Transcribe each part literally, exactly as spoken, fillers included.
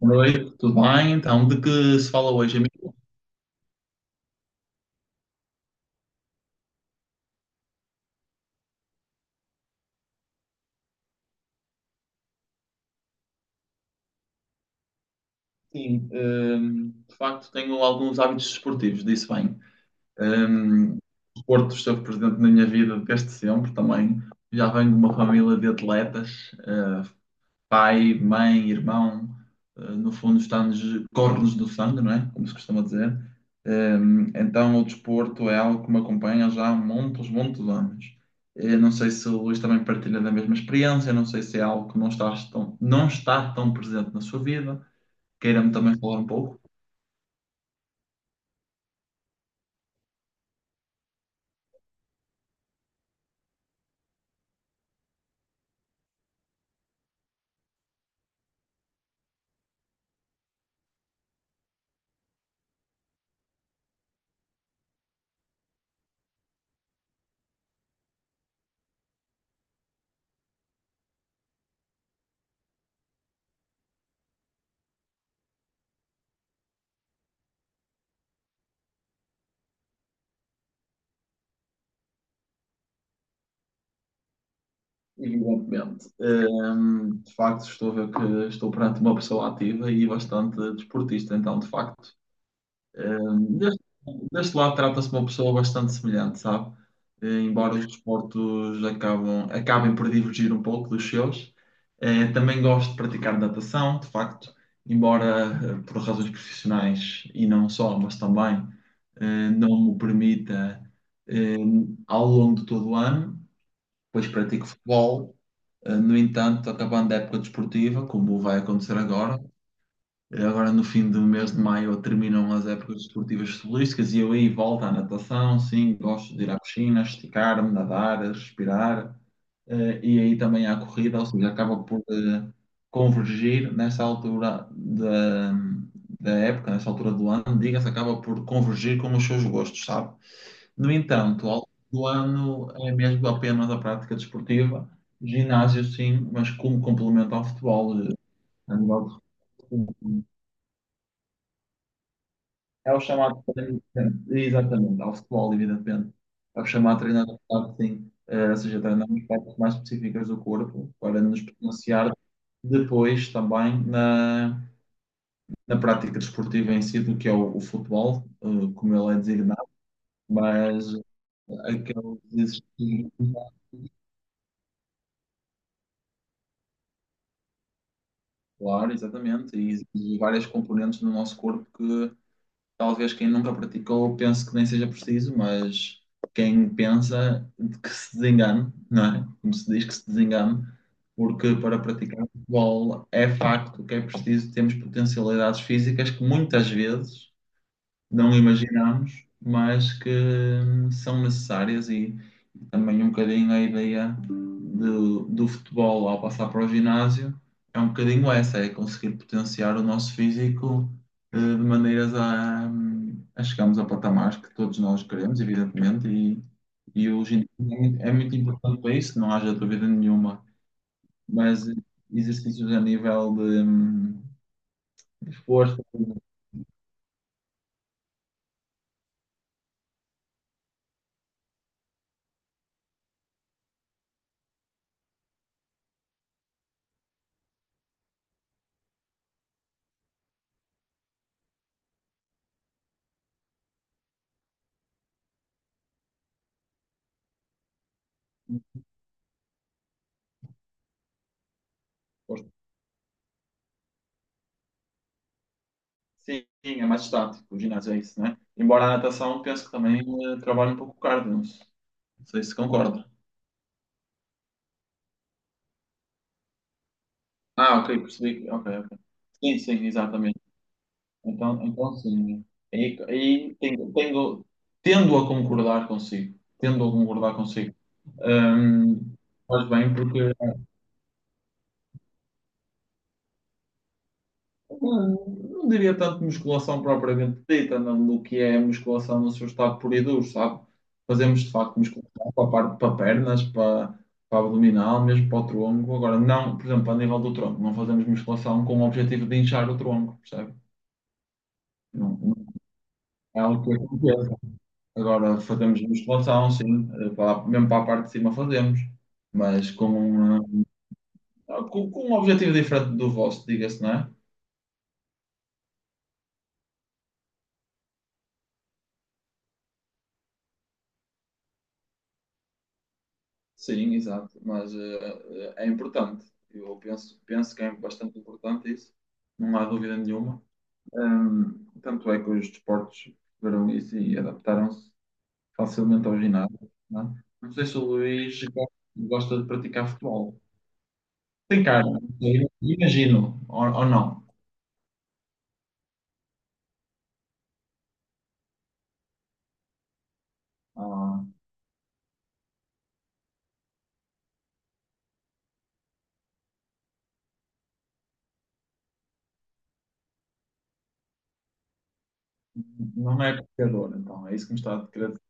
Oi, tudo bem? Então, de que se fala hoje, amigo? Sim, hum, de facto tenho alguns hábitos desportivos, disse bem. Hum, o desporto esteve presente na minha vida desde sempre também. Já venho de uma família de atletas, pai, mãe, irmão, eh, no fundo está-nos, corre-nos do sangue, não é? Como se costuma dizer. Eh, Então o desporto é algo que me acompanha já há muitos, muitos anos. Eh, Não sei se o Luís também partilha da mesma experiência, não sei se é algo que não está tão, não está tão presente na sua vida. Queira-me também falar um pouco. Evidentemente. Ehm, de facto, estou a ver que estou perante uma pessoa ativa e bastante desportista, então, de facto. Hum, Deste, deste lado trata-se de uma pessoa bastante semelhante, sabe? Eh, Embora os desportos acabam, acabem por divergir um pouco dos seus, eh, também gosto de praticar natação, de facto, embora eh, por razões profissionais e não só, mas também eh, não me permita eh, ao longo de todo o ano, pois pratico futebol. Eh, No entanto, acabando a época desportiva, como vai acontecer agora, Agora no fim do mês de maio terminam as épocas desportivas solísticas e eu aí volto à natação, sim, gosto de ir à piscina, esticar-me, nadar, respirar, eh, e aí também à corrida, ou seja, acaba por eh, convergir nessa altura da, da época, nessa altura do ano, diga-se, acaba por convergir com os seus gostos, sabe? No entanto, ao longo do ano é mesmo apenas a prática desportiva, ginásio sim, mas como complemento ao futebol. Eh, a nível de É o chamado treino, exatamente, ao futebol, evidentemente. É o chamado treinamento de marketing, eh, ou seja, treinamos partes mais específicas do corpo para nos potenciar depois também na, na prática desportiva em si, do que é o, o futebol, eh, como ele é designado, mas aquele exercícios muscular, exatamente, e exige várias componentes no nosso corpo que talvez quem nunca praticou pense que nem seja preciso, mas quem pensa que se desengane, não é? Como se diz, que se desengane, porque para praticar futebol é facto que é preciso termos potencialidades físicas que muitas vezes não imaginamos, mas que hum, são necessárias. E e também um bocadinho a ideia do, do futebol, ao passar para o ginásio, é um bocadinho essa: é conseguir potenciar o nosso físico eh, de maneiras a, hum, a chegarmos a patamares que todos nós queremos, evidentemente, e, e o ginásio é muito, é muito importante para isso, não haja dúvida nenhuma, mas eh, exercícios a nível de, hum, de força. Sim, é mais estático, o ginásio é isso, né? Embora a natação, penso que também eh, trabalha um pouco o cardio, não sei não sei se concorda. Ah, ok, percebi. Ok, ok. Sim, sim, exatamente. Então, então sim. Aí, aí tenho, tenho- tendo a concordar consigo. Tendo a concordar consigo. Hum, faz bem porque não, não diria tanto musculação propriamente dita, não, do que é musculação no seu estado puro e duro, sabe? Fazemos de facto musculação para, par- para pernas, para, para abdominal, mesmo para o tronco. Agora não, por exemplo, a nível do tronco, não fazemos musculação com o objetivo de inchar o tronco, percebe? Não, não é algo que aconteça. Agora, fazemos musculação, sim, eh, para- mesmo para a parte de cima fazemos, mas com, um, eh, com, com um objetivo diferente do vosso, diga-se, não é? Sim, exato. Mas eh, eh, é importante. Eu penso, penso que é bastante importante isso. Não há dúvida nenhuma. Hum, tanto é que os desportos viram isso e adaptaram-se facilmente ao ginásio. Não é? Não sei se o Luís go- gosta de praticar futebol. Tem cara, não sei, imagino, ou, ou não. Ah, não é pescador, então. É isso que me está a querer dizer.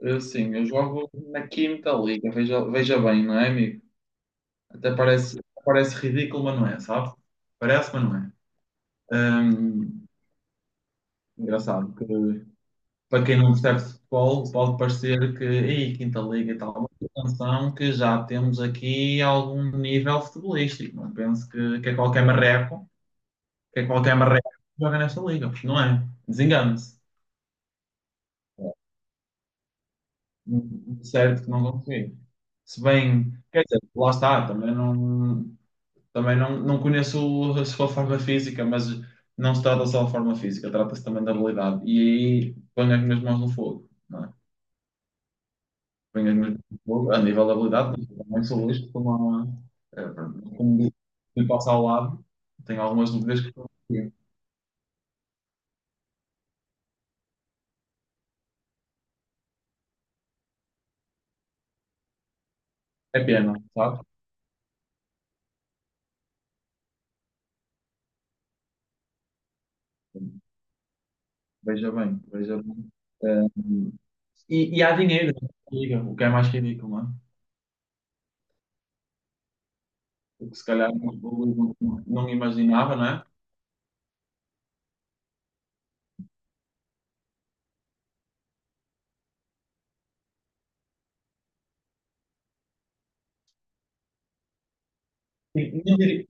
Eh, Sim, eu jogo na quinta liga. Veja, veja bem, não é, amigo? Até parece, parece ridículo, mas não é, sabe? Parece, mas não é. Hum, engraçado que para quem não percebe futebol pode parecer que, ei, Quinta Liga e tal, mas atenção que já temos aqui algum nível futebolístico. Não penso que, que é qualquer marreco, que é qualquer marreco que joga nesta liga, porque não é. Desengane-se. É, certo que não consigo. Se bem, quer dizer, lá está, também não. Também não, não conheço a sua forma física, mas não se trata só da forma física, trata-se também da habilidade. E aí ponho as minhas mãos no fogo, não é? Ponho as minhas mãos no fogo, a nível da habilidade, mas eu também sou listo como, a, é, pronto, como digo, quem passa ao lado, tenho algumas dúvidas que estou aqui. É pena, sabe? Veja bem, veja bem. Eh, e, e há dinheiro, liga, o que é mais ridículo, não é? O se calhar não, não imaginava, não é? E Não diria,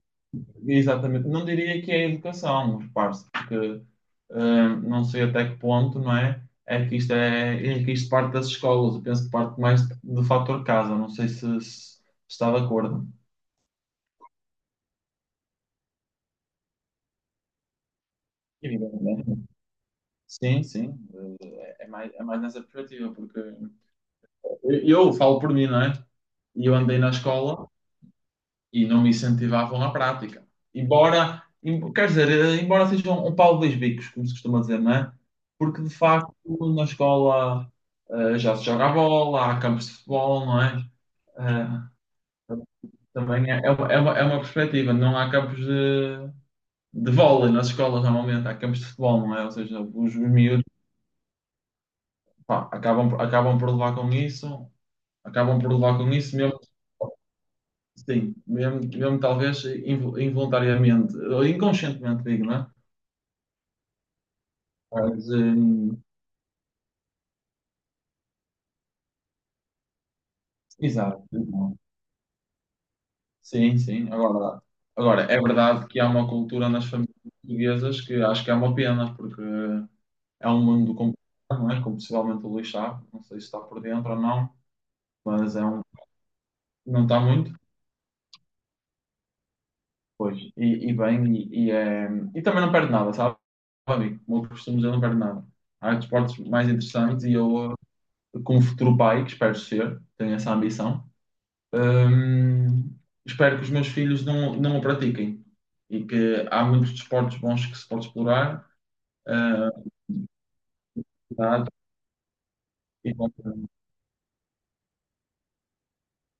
Exatamente. Não diria que é educação, repare-se, porque hum, não sei até que ponto, não é? É que isto é, é que isto parte das escolas. Eu penso que parte mais do fator casa, não sei se, se está de acordo. Evidentemente. Sim, sim, eh, é é mais, é mais nessa perspectiva, porque eu, eu falo por mim, não é? E eu andei na escola e não me incentivavam na prática. Embora, em- quer dizer, eh, embora seja um, um pau de dois bicos, como se costuma dizer, não é? Porque de facto na escola eh, já se joga a bola, há campos de futebol, não é? Eh, Também é, é, uma, é uma é uma perspectiva, não há campos de, de vôlei nas escolas normalmente, há campos de futebol, não é? Ou seja, os, os miúdos, pá, acabam, por- acabam por levar com isso, acabam por levar com isso mesmo, sim, mesmo, mesmo talvez invo- involuntariamente, ou inconscientemente digo, não é? Mas, hum, exato. Sim, sim. Agora, agora, é verdade que há uma cultura nas famílias portuguesas que acho que é uma pena, porque é um mundo complicado, não é? Como possivelmente o Luís sabe, não sei se está por dentro ou não, mas é um, não está muito, pois. E, e bem, e, e é, e também não perde nada, sabe? Amigo, como eu costumo dizer, não perde nada. Há desportos mais interessantes e eu, eh, como futuro pai, que espero ser, tenho essa ambição. Hum, espero que os meus filhos não, não o pratiquem, e que há muitos desportos bons que se pode explorar. Ah, verdade, e bom,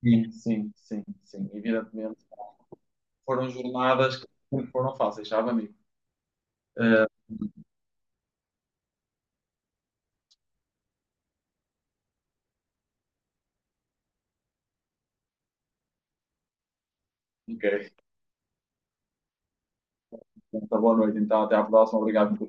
sim, sim, sim, sim, evidentemente. Foram jornadas que não foram fáceis, sabe, amigo? Ah, ok, então boa noite, então até à próxima. Obrigado por